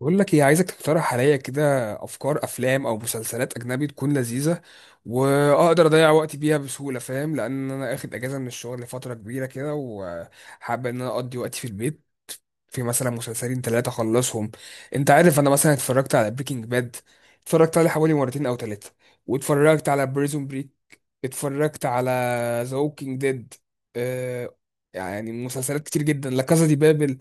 بقول لك ايه، عايزك تقترح عليا كده افكار افلام او مسلسلات اجنبي تكون لذيذه، واقدر اضيع وقتي بيها بسهوله. فاهم؟ لان انا اخد اجازه من الشغل لفتره كبيره كده، وحابب ان انا اقضي وقتي في البيت، في مثلا مسلسلين ثلاثة خلصهم. انت عارف انا مثلا اتفرجت على بريكنج باد، اتفرجت عليه حوالي مرتين او ثلاثة، واتفرجت على بريزون بريك. اتفرجت على ذا ووكينج ديد. اه يعني مسلسلات كتير جدا، لا كازا دي بابل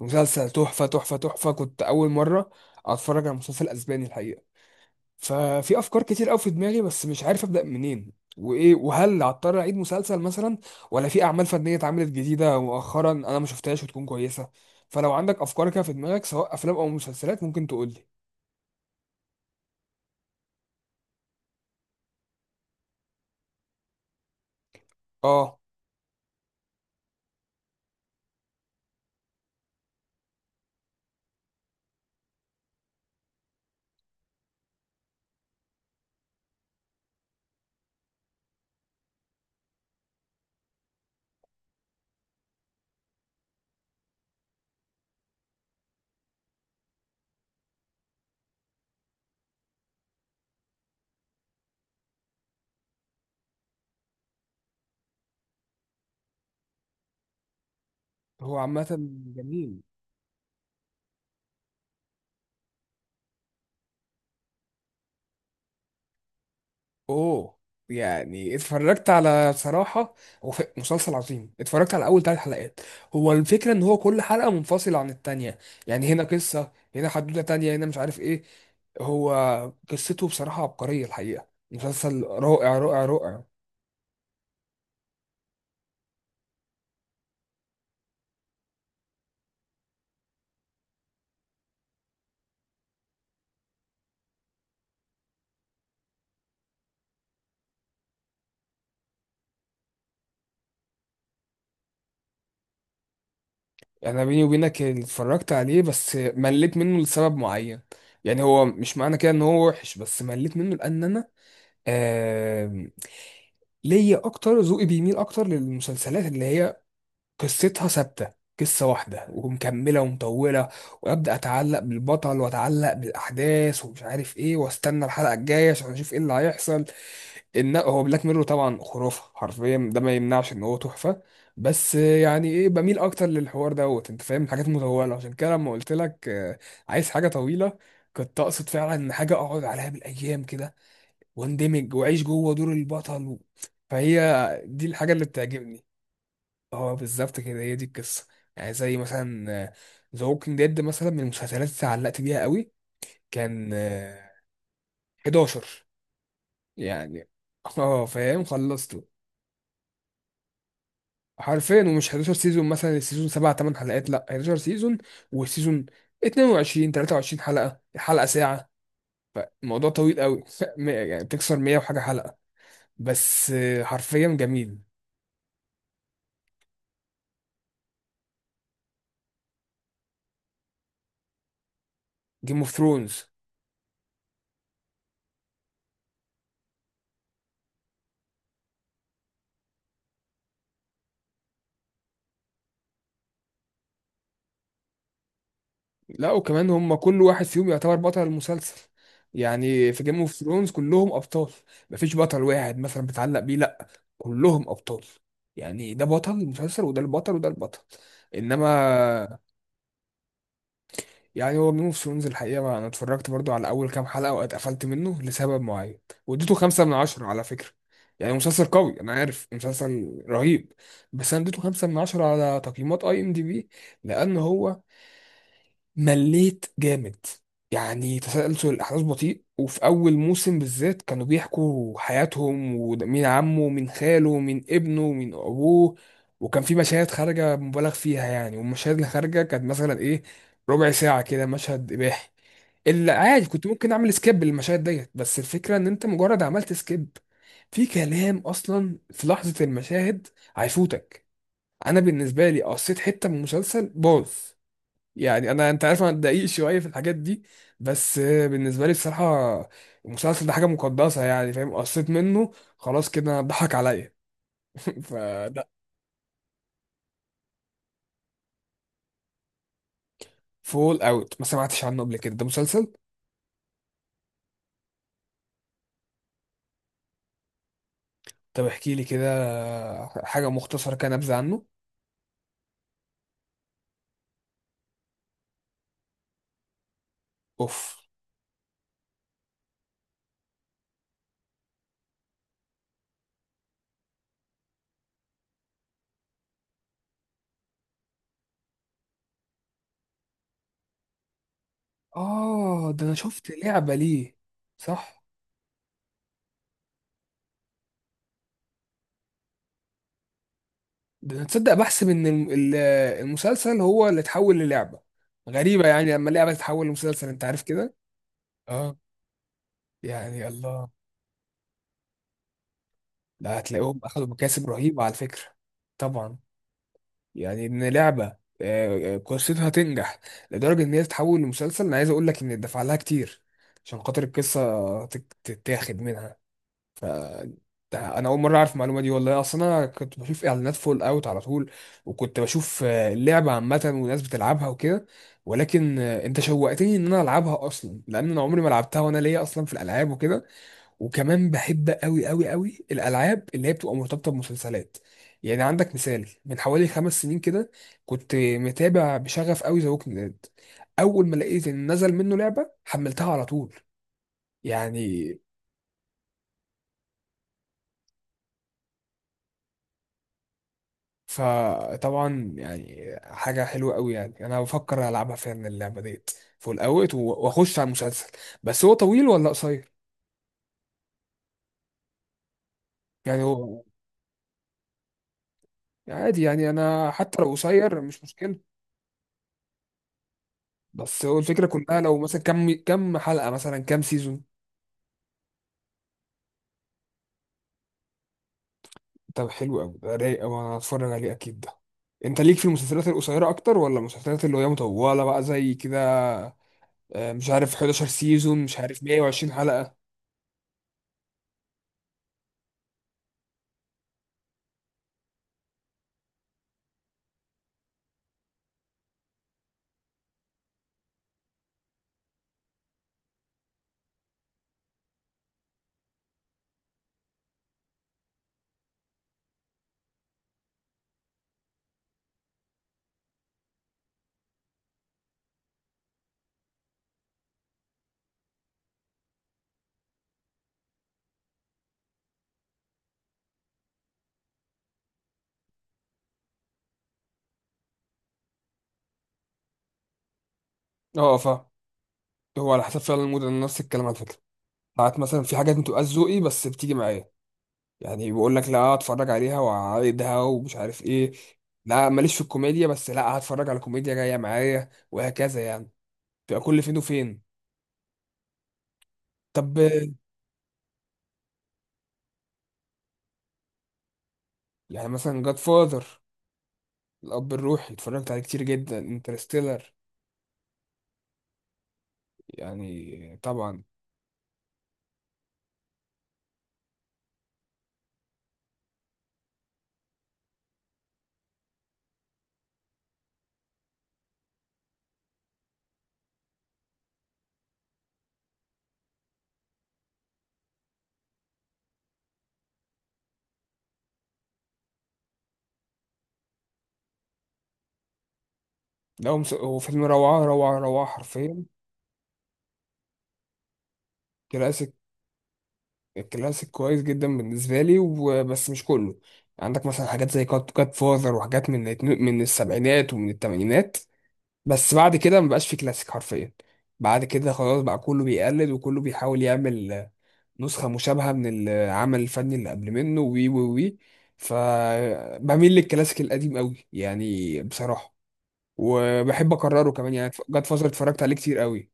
مسلسل تحفة تحفة تحفة. كنت أول مرة أتفرج على مسلسل أسباني الحقيقة. ففي افكار كتير قوي في دماغي، بس مش عارف ابدا منين، وايه، وهل هضطر اعيد مسلسل مثلا، ولا في اعمال فنيه اتعملت جديده مؤخرا انا ما شفتهاش وتكون كويسه. فلو عندك افكار كده في دماغك سواء افلام او مسلسلات ممكن تقول لي. اه. هو عامه جميل. اوه. يعني اتفرجت على، بصراحة هو مسلسل عظيم، اتفرجت على اول ثلاث حلقات. هو الفكرة ان هو كل حلقة منفصلة عن التانية، يعني هنا قصة، هنا حدوتة تانية، هنا مش عارف ايه. هو قصته بصراحة عبقرية، الحقيقة مسلسل رائع رائع رائع. يعني بيني وبينك اللي اتفرجت عليه بس مليت منه لسبب معين. يعني هو مش معنى كده ان هو وحش، بس مليت منه لان انا آم، ليا اكتر. ذوقي بيميل اكتر للمسلسلات اللي هي قصتها ثابته، قصه واحده ومكمله ومطوله، وابدا اتعلق بالبطل واتعلق بالاحداث ومش عارف ايه، واستنى الحلقه الجايه عشان اشوف ايه اللي هيحصل. ان هو بلاك ميرور طبعا خرافه حرفيا، ده ما يمنعش ان هو تحفه، بس يعني ايه، بميل اكتر للحوار دوت انت فاهم، حاجات مطوله. عشان كده لما قلت لك عايز حاجه طويله، كنت اقصد فعلا ان حاجه اقعد عليها بالايام كده، واندمج واعيش جوه دور البطل. فهي دي الحاجه اللي بتعجبني. اه بالظبط كده، هي دي القصه. يعني زي مثلا ذا ووكينج ديد مثلا، من المسلسلات اللي علقت بيها قوي، كان 11 يعني. اه فاهم، خلصته حرفيا. ومش 11 سيزون مثلا السيزون 7 8 حلقات، لا 11 سيزون، والسيزون 22 23 حلقه، الحلقه ساعه، فالموضوع طويل قوي. يعني بتكسر 100 وحاجه حلقه، بس حرفيا جميل. جيم اوف ثرونز. لا وكمان هم كل واحد فيهم يعتبر بطل المسلسل، يعني في جيم اوف ثرونز كلهم ابطال، مفيش بطل واحد مثلا بتعلق بيه لا، كلهم ابطال. يعني ده بطل المسلسل، وده البطل، وده البطل. انما يعني هو جيم اوف ثرونز الحقيقه، ما انا اتفرجت برضو على اول كام حلقه واتقفلت منه لسبب معين، واديته خمسة من عشرة على فكره. يعني مسلسل قوي، انا عارف مسلسل رهيب، بس انا اديته خمسة من عشرة على تقييمات IMDb لان هو مليت جامد. يعني تسلسل الأحداث بطيء، وفي أول موسم بالذات كانوا بيحكوا حياتهم ومين عمه ومين خاله ومين ابنه ومين أبوه. وكان في مشاهد خارجة مبالغ فيها يعني، والمشاهد اللي خارجة كانت مثلا إيه، ربع ساعة كده مشهد إباحي. اللي عادي كنت ممكن أعمل سكيب للمشاهد ديت، بس الفكرة إن أنت مجرد عملت سكيب في كلام أصلا في لحظة، المشاهد هيفوتك. أنا بالنسبة لي قصيت حتة من المسلسل باظ. يعني انا انت عارف انا دقيق شويه في الحاجات دي، بس بالنسبه لي بصراحه المسلسل ده حاجه مقدسه، يعني فاهم، قصيت منه خلاص، كده ضحك عليا. فلا. فول اوت ما سمعتش عنه قبل كده، ده مسلسل؟ طب احكي لي كده حاجه مختصره كده نبذه عنه. اوف. اه ده انا شفت لعبه ليه. صح. ده انا تصدق بحسب ان المسلسل هو اللي اتحول للعبه، غريبه يعني لما لعبه تتحول لمسلسل انت عارف كده. اه يعني الله. لا هتلاقيهم اخدوا مكاسب رهيبة على فكرة. طبعا. يعني ان لعبة قصتها تنجح لدرجة ان هي تتحول لمسلسل، انا عايز اقول لك ان اتدفع لها كتير عشان خاطر القصة تتاخد منها. ده انا اول مرة اعرف المعلومة دي والله، اصلا انا كنت بشوف اعلانات فول اوت على طول، وكنت بشوف اللعبة عامة والناس بتلعبها وكده، ولكن انت شوقتني ان انا العبها اصلا، لان انا عمري ما لعبتها وانا ليا اصلا في الالعاب وكده. وكمان بحب قوي قوي قوي الالعاب اللي هي بتبقى مرتبطه بمسلسلات. يعني عندك مثال، من حوالي 5 سنين كده كنت متابع بشغف قوي ذا ووكينج ديد. اول ما لقيت ان نزل منه لعبه حملتها على طول. يعني فطبعا يعني حاجه حلوه قوي، يعني انا بفكر العبها فعلا اللعبه ديت، فول اوت، واخش على المسلسل. بس هو طويل ولا قصير؟ يعني هو عادي، يعني انا حتى لو قصير مش مشكله، بس هو الفكرة كلها لو مثلا كم حلقة، مثلا كم سيزون. طب حلو قوي، ده رايق قوي، انا هتفرج عليه اكيد ده. انت ليك في المسلسلات القصيرة اكتر ولا المسلسلات اللي هي مطولة بقى زي كده، مش عارف 11 سيزون، مش عارف 120 حلقة. اه فاهم، هو على حسب فعلا المود، انا نفس الكلام على فكرة. ساعات مثلا في حاجات بتبقى ذوقي بس بتيجي معايا، يعني بقول لك لا اتفرج عليها وعايدها ومش عارف ايه. لا ماليش في الكوميديا، بس لا هتفرج على كوميديا جاية معايا، وهكذا يعني، بتبقى كل فين وفين. طب يعني مثلا جاد فاذر، الاب الروحي اتفرجت عليه كتير جدا، انترستيلر. يعني طبعا. هو فيلم روعه روعه روعه حرفيا. كلاسيك. كلاسيك كويس جدا بالنسبه لي، وبس مش كله، عندك مثلا حاجات زي جاد فاذر وحاجات من من السبعينات ومن الثمانينات. بس بعد كده مبقاش في كلاسيك حرفيا، بعد كده خلاص بقى كله بيقلد وكله بيحاول يعمل نسخة مشابهة من العمل الفني اللي قبل منه وي وي وي. فبميل للكلاسيك القديم قوي يعني بصراحة، وبحب أكرره كمان، يعني جاد فازر اتفرجت عليه كتير قوي.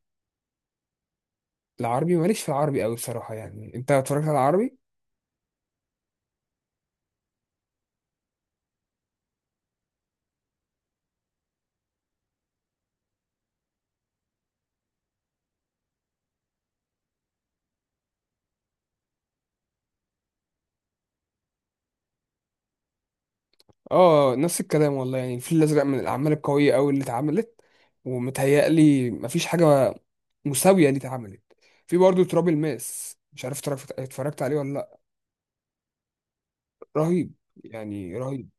العربي ماليش في العربي قوي بصراحة، يعني أنت اتفرجت على العربي؟ آه نفس الكلام والله، يعني الفيل الأزرق من الأعمال القوية قوي اللي اتعملت، ومتهيألي مفيش حاجة مساوية اللي اتعملت. في برضه تراب الماس، مش عارف اتفرجت عليه ولا لأ. رهيب يعني رهيب.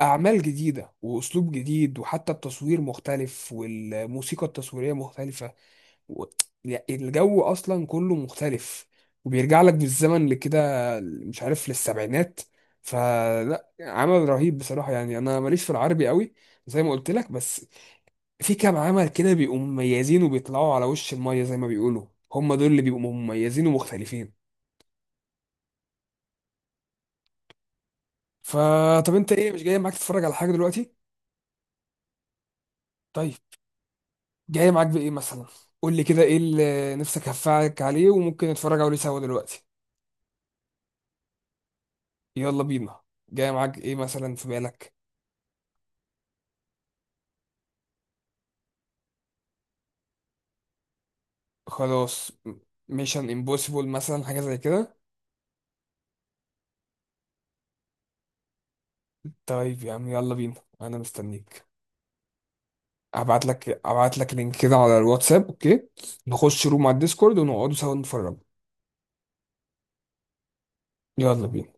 أعمال جديدة وأسلوب جديد وحتى التصوير مختلف والموسيقى التصويرية مختلفة و... يعني الجو أصلا كله مختلف، وبيرجع لك بالزمن لكده، مش عارف للسبعينات. فلا عمل رهيب بصراحة، يعني أنا ماليش في العربي قوي زي ما قلت لك، بس في كام عمل كده بيبقوا مميزين وبيطلعوا على وش المية زي ما بيقولوا، هم دول اللي بيبقوا مميزين ومختلفين. فطب أنت إيه، مش جاي معاك تتفرج على حاجة دلوقتي؟ طيب. جاي معاك بايه مثلا؟ قول لي كده ايه اللي نفسك هفعلك عليه وممكن نتفرج عليه سوا دلوقتي. يلا بينا. جاي معاك ايه مثلا في بالك؟ خلاص، ميشن امبوسيبل مثلا حاجه زي كده. طيب يا عم يلا بينا، انا مستنيك. ابعت لك لينك كده على الواتساب اوكي. نخش روم على الديسكورد ونقعدوا سوا نتفرج. يلا بينا.